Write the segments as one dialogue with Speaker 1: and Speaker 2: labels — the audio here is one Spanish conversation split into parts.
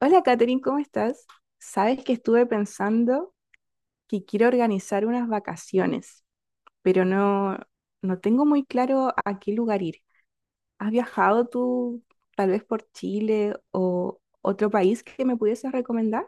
Speaker 1: Hola, Katherine, ¿cómo estás? Sabes que estuve pensando que quiero organizar unas vacaciones, pero no, no tengo muy claro a qué lugar ir. ¿Has viajado tú tal vez por Chile o otro país que me pudieses recomendar?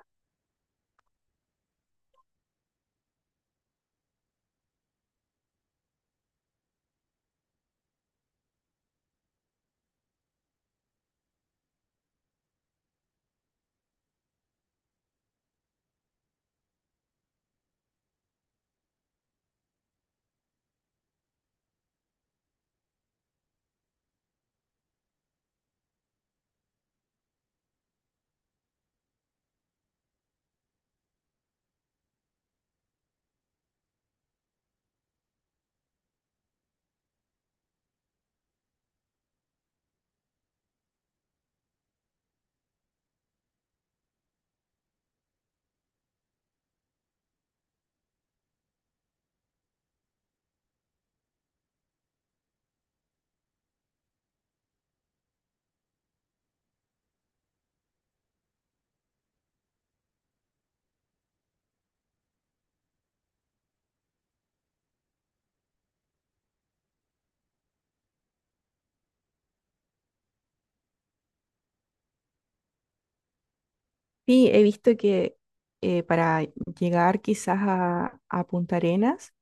Speaker 1: Sí, he visto que para llegar quizás a Punta Arenas,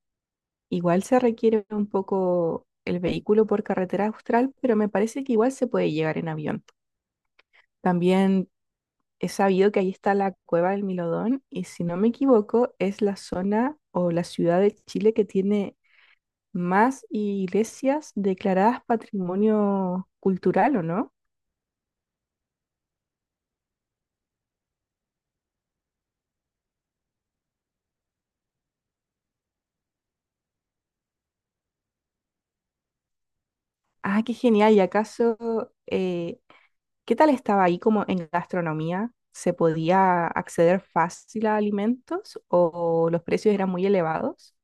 Speaker 1: igual se requiere un poco el vehículo por carretera austral, pero me parece que igual se puede llegar en avión. También he sabido que ahí está la cueva del Milodón y si no me equivoco es la zona o la ciudad de Chile que tiene más iglesias declaradas patrimonio cultural, ¿o no? Ah, qué genial. ¿Y acaso, eh, qué tal estaba ahí como en gastronomía? ¿Se podía acceder fácil a alimentos o los precios eran muy elevados?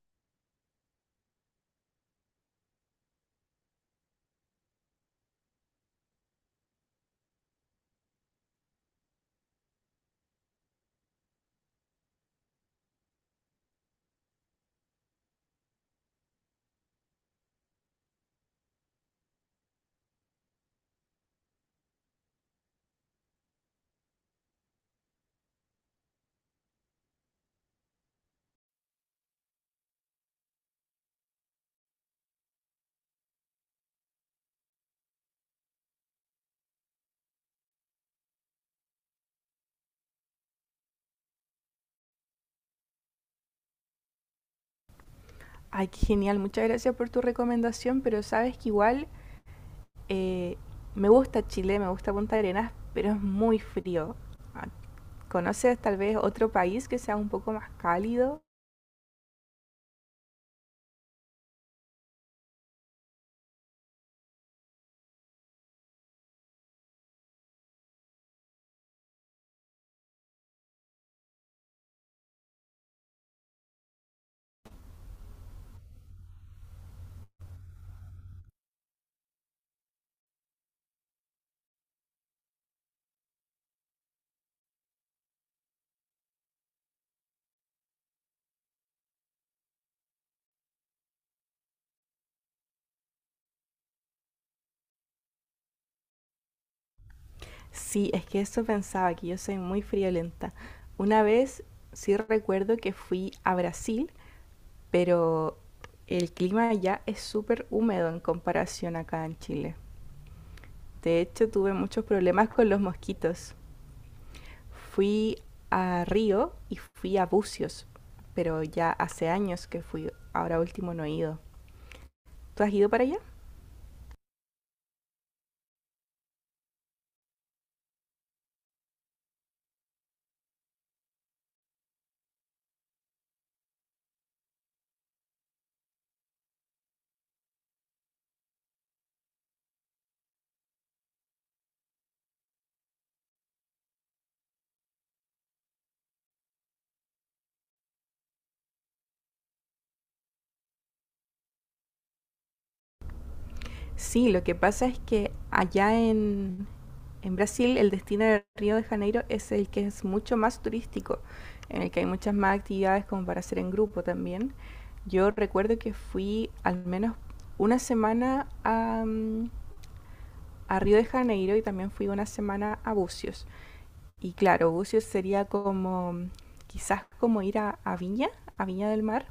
Speaker 1: Ay, qué genial. Muchas gracias por tu recomendación, pero sabes que igual Eh, me gusta Chile, me gusta Punta Arenas, pero es muy frío. Ah, ¿conoces tal vez otro país que sea un poco más cálido? Sí, es que eso pensaba, que yo soy muy friolenta. Una vez sí recuerdo que fui a Brasil, pero el clima allá es súper húmedo en comparación acá en Chile. De hecho, tuve muchos problemas con los mosquitos. Fui a Río y fui a Bucios, pero ya hace años que fui, ahora último no he ido. ¿Tú has ido para allá? Sí, lo que pasa es que allá en Brasil el destino de Río de Janeiro es el que es mucho más turístico, en el que hay muchas más actividades como para hacer en grupo también. Yo recuerdo que fui al menos una semana a Río de Janeiro y también fui una semana a Bucios. Y claro, Bucios sería como mm, quizás como ir a Viña, a Viña del Mar,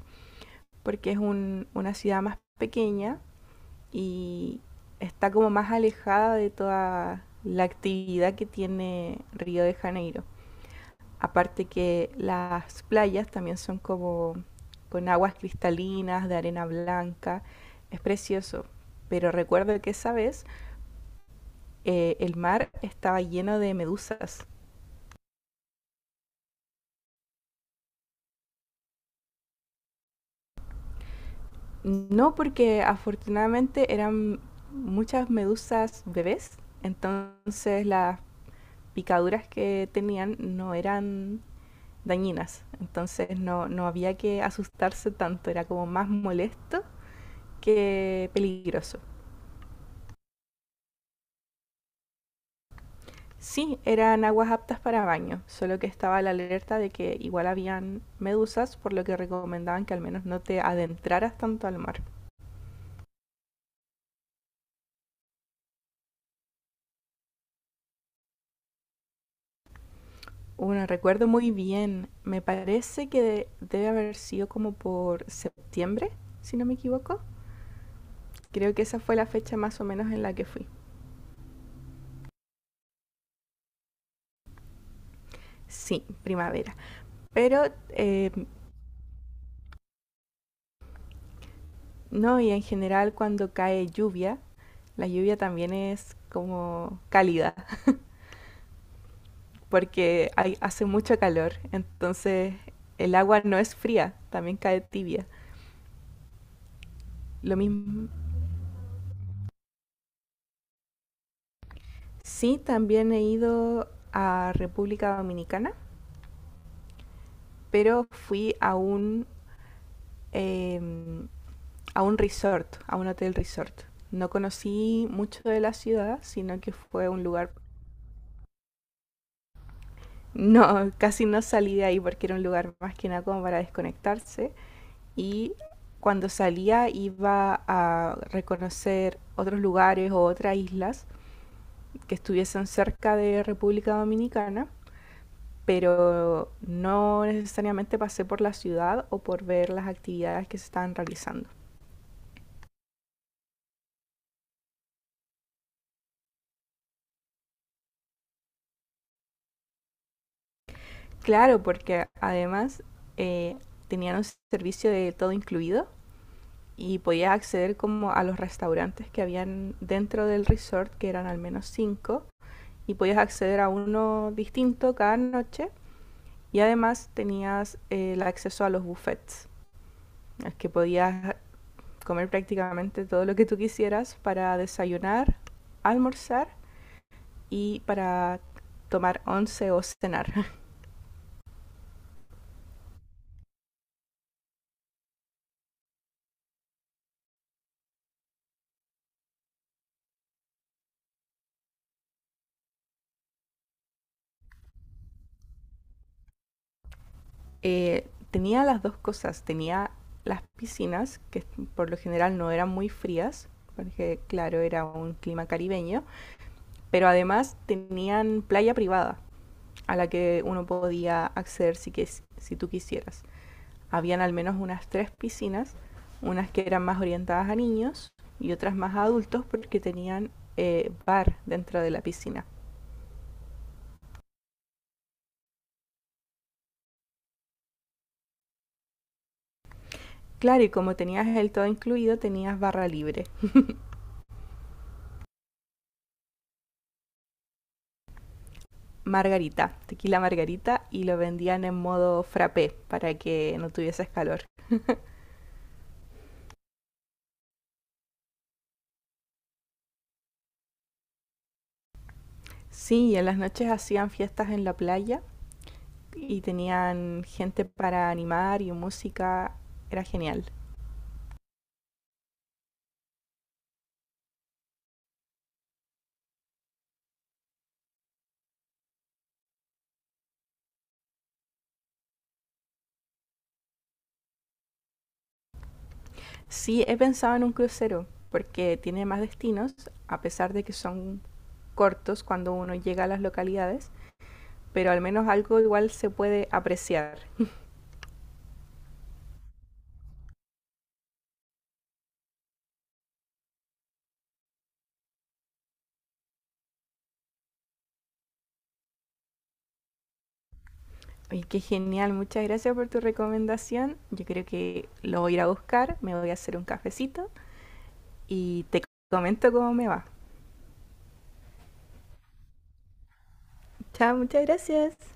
Speaker 1: porque es una ciudad más pequeña y está como más alejada de toda la actividad que tiene Río de Janeiro. Aparte que las playas también son como con aguas cristalinas, de arena blanca, es precioso. Pero recuerdo que esa vez el mar estaba lleno de medusas. No, porque afortunadamente eran muchas medusas bebés, entonces las picaduras que tenían no eran dañinas. Entonces no, no había que asustarse tanto, era como más molesto que peligroso. Sí, eran aguas aptas para baño, solo que estaba la alerta de que igual habían medusas, por lo que recomendaban que al menos no te adentraras tanto al mar. Bueno, recuerdo muy bien, me parece que debe haber sido como por septiembre, si no me equivoco. Creo que esa fue la fecha más o menos en la que fui. Sí, primavera. Pero eh, No, y en general cuando cae lluvia, la lluvia también es como cálida, porque hay, hace mucho calor, entonces el agua no es fría, también cae tibia. Lo mismo. Sí, también he ido a República Dominicana, pero fui a eh, a un resort, a un hotel resort. No conocí mucho de la ciudad, sino que fue un lugar. No, casi no salí de ahí porque era un lugar más que nada como para desconectarse y cuando salía iba a reconocer otros lugares o otras islas que estuviesen cerca de República Dominicana, pero no necesariamente pasé por la ciudad o por ver las actividades que se estaban realizando. Claro, porque además eh, tenían un servicio de todo incluido y podías acceder como a los restaurantes que habían dentro del resort, que eran al menos 5, y podías acceder a uno distinto cada noche. Y además tenías el acceso a los buffets, que podías comer prácticamente todo lo que tú quisieras para desayunar, almorzar y para tomar once o cenar. Tenía las dos cosas, tenía las piscinas, que por lo general no eran muy frías, porque claro, era un clima caribeño, pero además tenían playa privada a la que uno podía acceder si tú quisieras. Habían al menos unas 3 piscinas, unas que eran más orientadas a niños y otras más a adultos porque tenían bar dentro de la piscina. Claro, y como tenías el todo incluido, tenías barra libre. Margarita, tequila margarita, y lo vendían en modo frappé para que no tuvieses calor. Sí, y en las noches hacían fiestas en la playa y tenían gente para animar y música. Era genial. Sí, he pensado en un crucero, porque tiene más destinos, a pesar de que son cortos cuando uno llega a las localidades, pero al menos algo igual se puede apreciar. Y qué genial, muchas gracias por tu recomendación. Yo creo que lo voy a ir a buscar, me voy a hacer un cafecito y te comento cómo me va. Chao, muchas gracias.